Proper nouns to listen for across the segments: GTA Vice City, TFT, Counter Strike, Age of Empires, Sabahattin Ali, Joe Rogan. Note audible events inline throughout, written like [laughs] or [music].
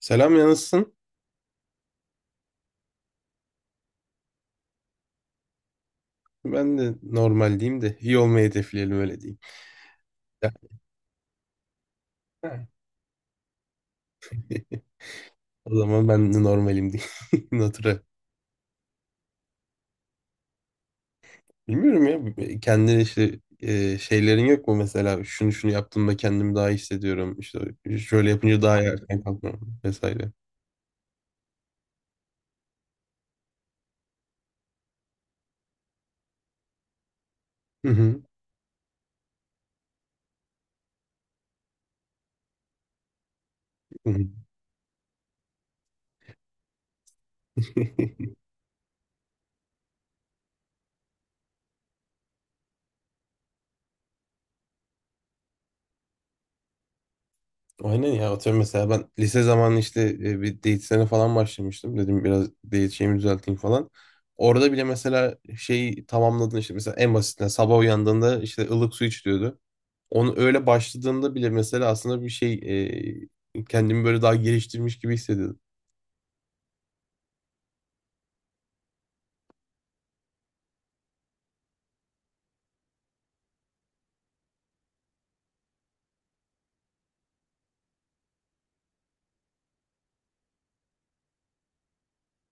Selam yansın. Ben de normal diyeyim de iyi olmayı hedefleyelim öyle diyeyim. Ya, ha. [laughs] O zaman ben de normalim diyeyim. [laughs] Natura. Bilmiyorum ya kendine işte şeylerin yok mu? Mesela şunu şunu yaptığımda kendimi daha iyi hissediyorum. İşte şöyle yapınca daha iyi erken kalkıyorum vesaire. Hı hı. Hı hı. [laughs] Aynen ya, atıyorum mesela ben lise zamanı işte bir diyetisyene falan başlamıştım. Dedim biraz diyet şeyimi düzelteyim falan. Orada bile mesela şeyi tamamladın işte, mesela en basitinden sabah uyandığında işte ılık su iç diyordu. Onu öyle başladığında bile mesela aslında bir şey, kendimi böyle daha geliştirmiş gibi hissediyordum.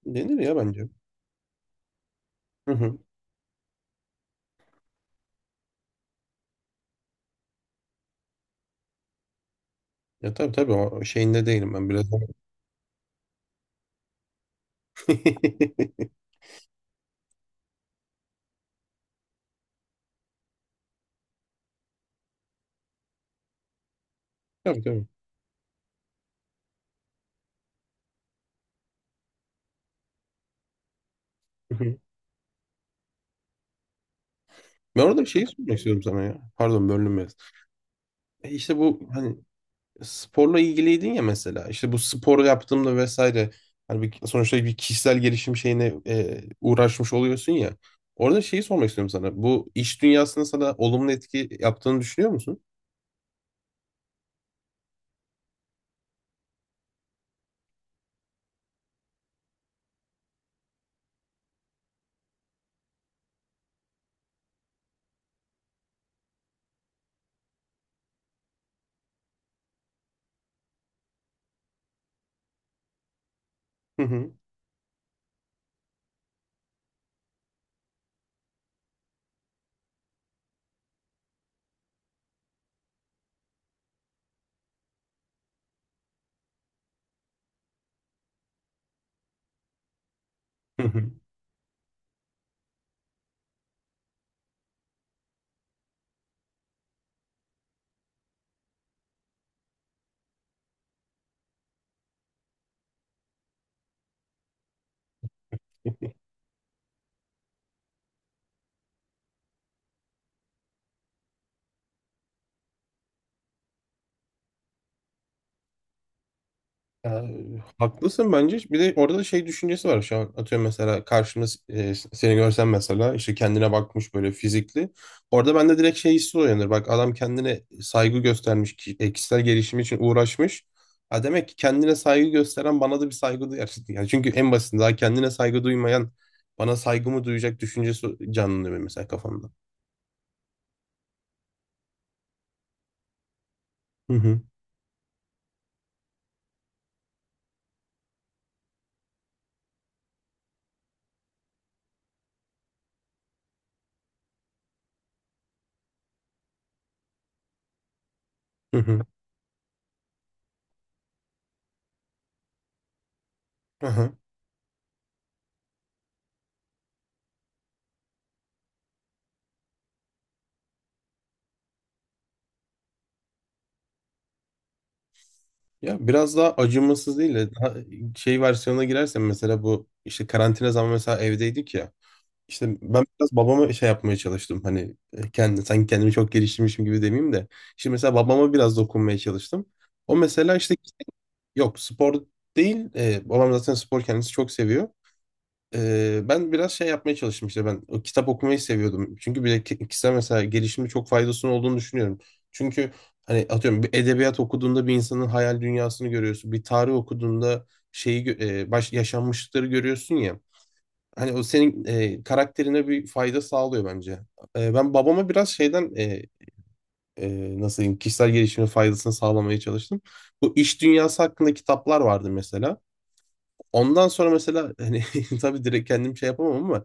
Denir ya bence. Hı hı. Ya tabii tabii, ama şeyinde değilim ben biraz. [laughs] Tabii tabii. Hı hı. Ben orada bir şey sormak istiyorum sana ya. Pardon bölünmez. E işte bu hani sporla ilgiliydin ya, mesela işte bu spor yaptığımda vesaire, hani bir, sonuçta bir kişisel gelişim şeyine uğraşmış oluyorsun ya. Orada şeyi sormak istiyorum sana. Bu iş dünyasında sana olumlu etki yaptığını düşünüyor musun? Hı hı. Hı hı. Ya, haklısın bence. Bir de orada da şey düşüncesi var şu an. Atıyorum mesela karşımda seni görsem, mesela işte kendine bakmış, böyle fizikli. Orada bende direkt şey hissi uyanır. Bak, adam kendine saygı göstermiş. Kişisel gelişim için uğraşmış. Ha, demek ki kendine saygı gösteren bana da bir saygı duyar. Yani çünkü en basitinden daha kendine saygı duymayan bana saygımı duyacak düşüncesi canlanıyor benim mesela kafamda. Hı hı. Hı hı. Aha. Ya biraz daha acımasız değil de daha şey versiyona girersen, mesela bu işte karantina zamanı mesela evdeydik ya. İşte ben biraz babama şey yapmaya çalıştım, hani kendi sanki kendimi çok geliştirmişim gibi demeyeyim de. İşte mesela babama biraz dokunmaya çalıştım. O mesela işte, yok spor değil. Babam zaten spor kendisi çok seviyor. Ben biraz şey yapmaya çalıştım, işte ben o kitap okumayı seviyordum. Çünkü bir de kişisel mesela gelişimi çok faydasının olduğunu düşünüyorum. Çünkü hani atıyorum bir edebiyat okuduğunda bir insanın hayal dünyasını görüyorsun. Bir tarih okuduğunda baş yaşanmışlıkları görüyorsun ya. Hani o senin karakterine bir fayda sağlıyor bence. Ben babama biraz şeyden nasıl diyeyim, kişisel gelişimin faydasını sağlamaya çalıştım. Bu iş dünyası hakkında kitaplar vardı mesela. Ondan sonra mesela hani [laughs] tabii direkt kendim şey yapamam ama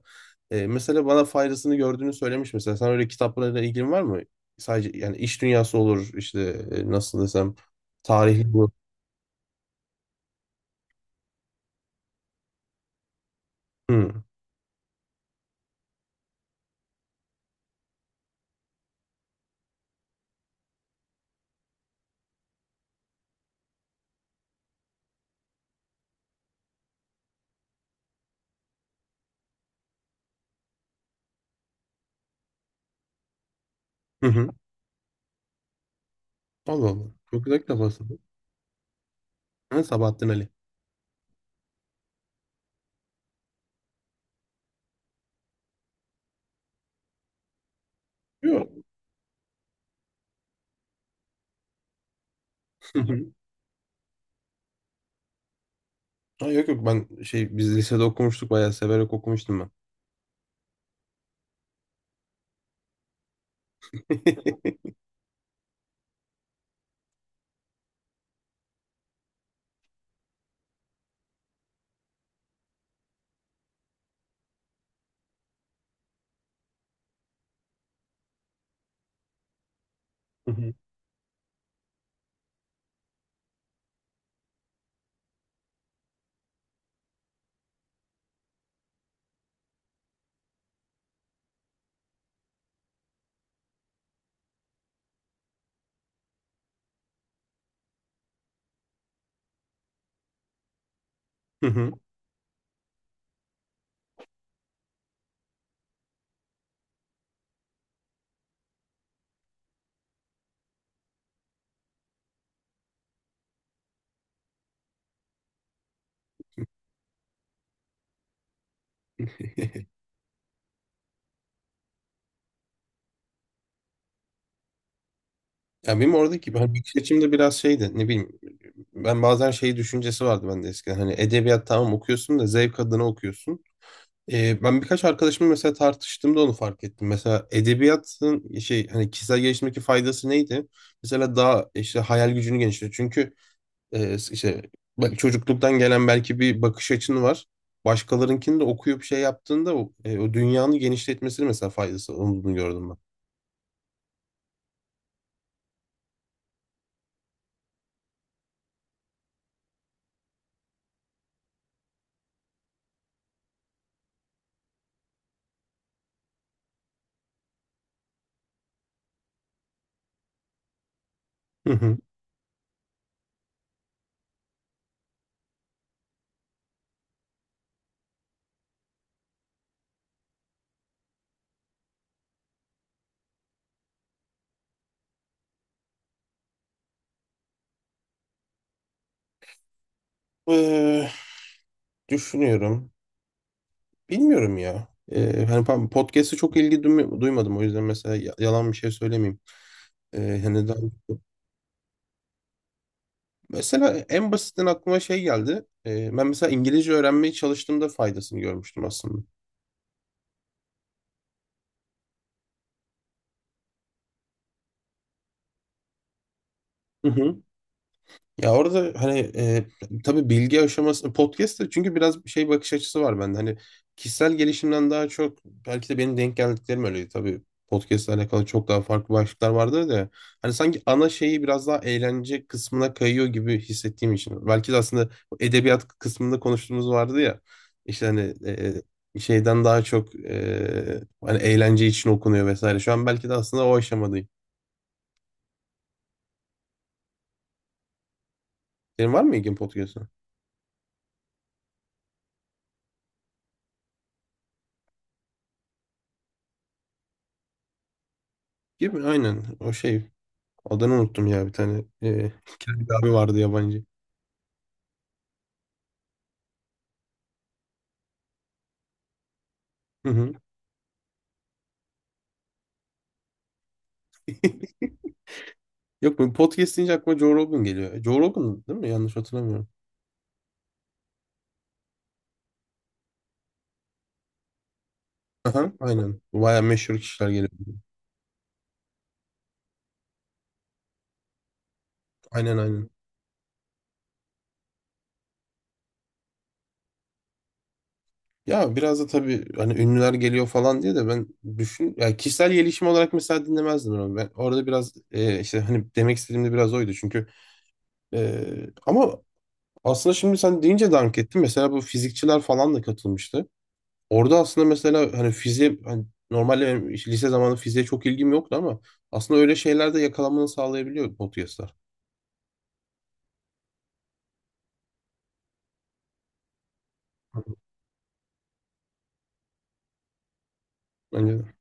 mesela bana faydasını gördüğünü söylemiş mesela. Sen öyle kitaplarla ilgin var mı? Sadece yani iş dünyası olur işte, nasıl desem, tarihi bu. Hı hı. Hı. Allah Allah. Çok güzel kitap aslında. Ha, Sabahattin Ali. Yok. Hı hı. Ha, yok yok, ben şey, biz lisede okumuştuk, bayağı severek okumuştum ben. [laughs] Hı hı. Hı hı. Ya benim oradaki ben bakış açımda biraz şeydi, ne bileyim, ben bazen şey düşüncesi vardı bende eskiden, hani edebiyat tamam okuyorsun da zevk adına okuyorsun. Ben birkaç arkadaşımla mesela tartıştığımda onu fark ettim. Mesela edebiyatın şey, hani kişisel gelişimdeki faydası neydi? Mesela daha işte hayal gücünü genişletiyor. Çünkü işte bak, çocukluktan gelen belki bir bakış açın var. Başkalarınkini de okuyup şey yaptığında o dünyanı genişletmesini, mesela faydası olduğunu gördüm ben. Hı hı. Ee, Düşünüyorum. Bilmiyorum ya. Hani podcast'e çok duymadım, o yüzden mesela yalan bir şey söylemeyeyim. Hani daha- mesela en basitinden aklıma şey geldi. Ben mesela İngilizce öğrenmeye çalıştığımda faydasını görmüştüm aslında. Hı hı. Ya orada hani tabii bilgi aşaması podcast da, çünkü biraz şey bakış açısı var bende. Hani kişisel gelişimden daha çok, belki de benim denk geldiklerim öyleydi. Tabii podcast'le alakalı çok daha farklı başlıklar vardı da, hani sanki ana şeyi biraz daha eğlence kısmına kayıyor gibi hissettiğim için. Belki de aslında bu edebiyat kısmında konuştuğumuz vardı ya. İşte hani şeyden daha çok hani eğlence için okunuyor vesaire. Şu an belki de aslında o aşamadayım. Senin var mı ilgin podcast'a? Gibi, aynen o şey. Adını unuttum ya, bir tane. [laughs] Kendi bir abi vardı, yabancı. Hı hı. [laughs] Yok, bu podcast deyince aklıma Joe Rogan geliyor. E, Joe Rogan değil mi? Yanlış hatırlamıyorum. Aha, aynen. Baya meşhur kişiler geliyor. Aynen aynen. Ya biraz da tabii hani ünlüler geliyor falan diye de ben düşün ya, kişisel gelişim olarak mesela dinlemezdim onu. Ben orada biraz işte hani demek istediğim de biraz oydu. Çünkü ama aslında şimdi sen deyince dank ettim. Mesela bu fizikçiler falan da katılmıştı. Orada aslında mesela hani fiziğe hani, normalde benim işte lise zamanı fiziğe çok ilgim yoktu ama aslında öyle şeylerde yakalanmanı sağlayabiliyor podcastlar. Bence de.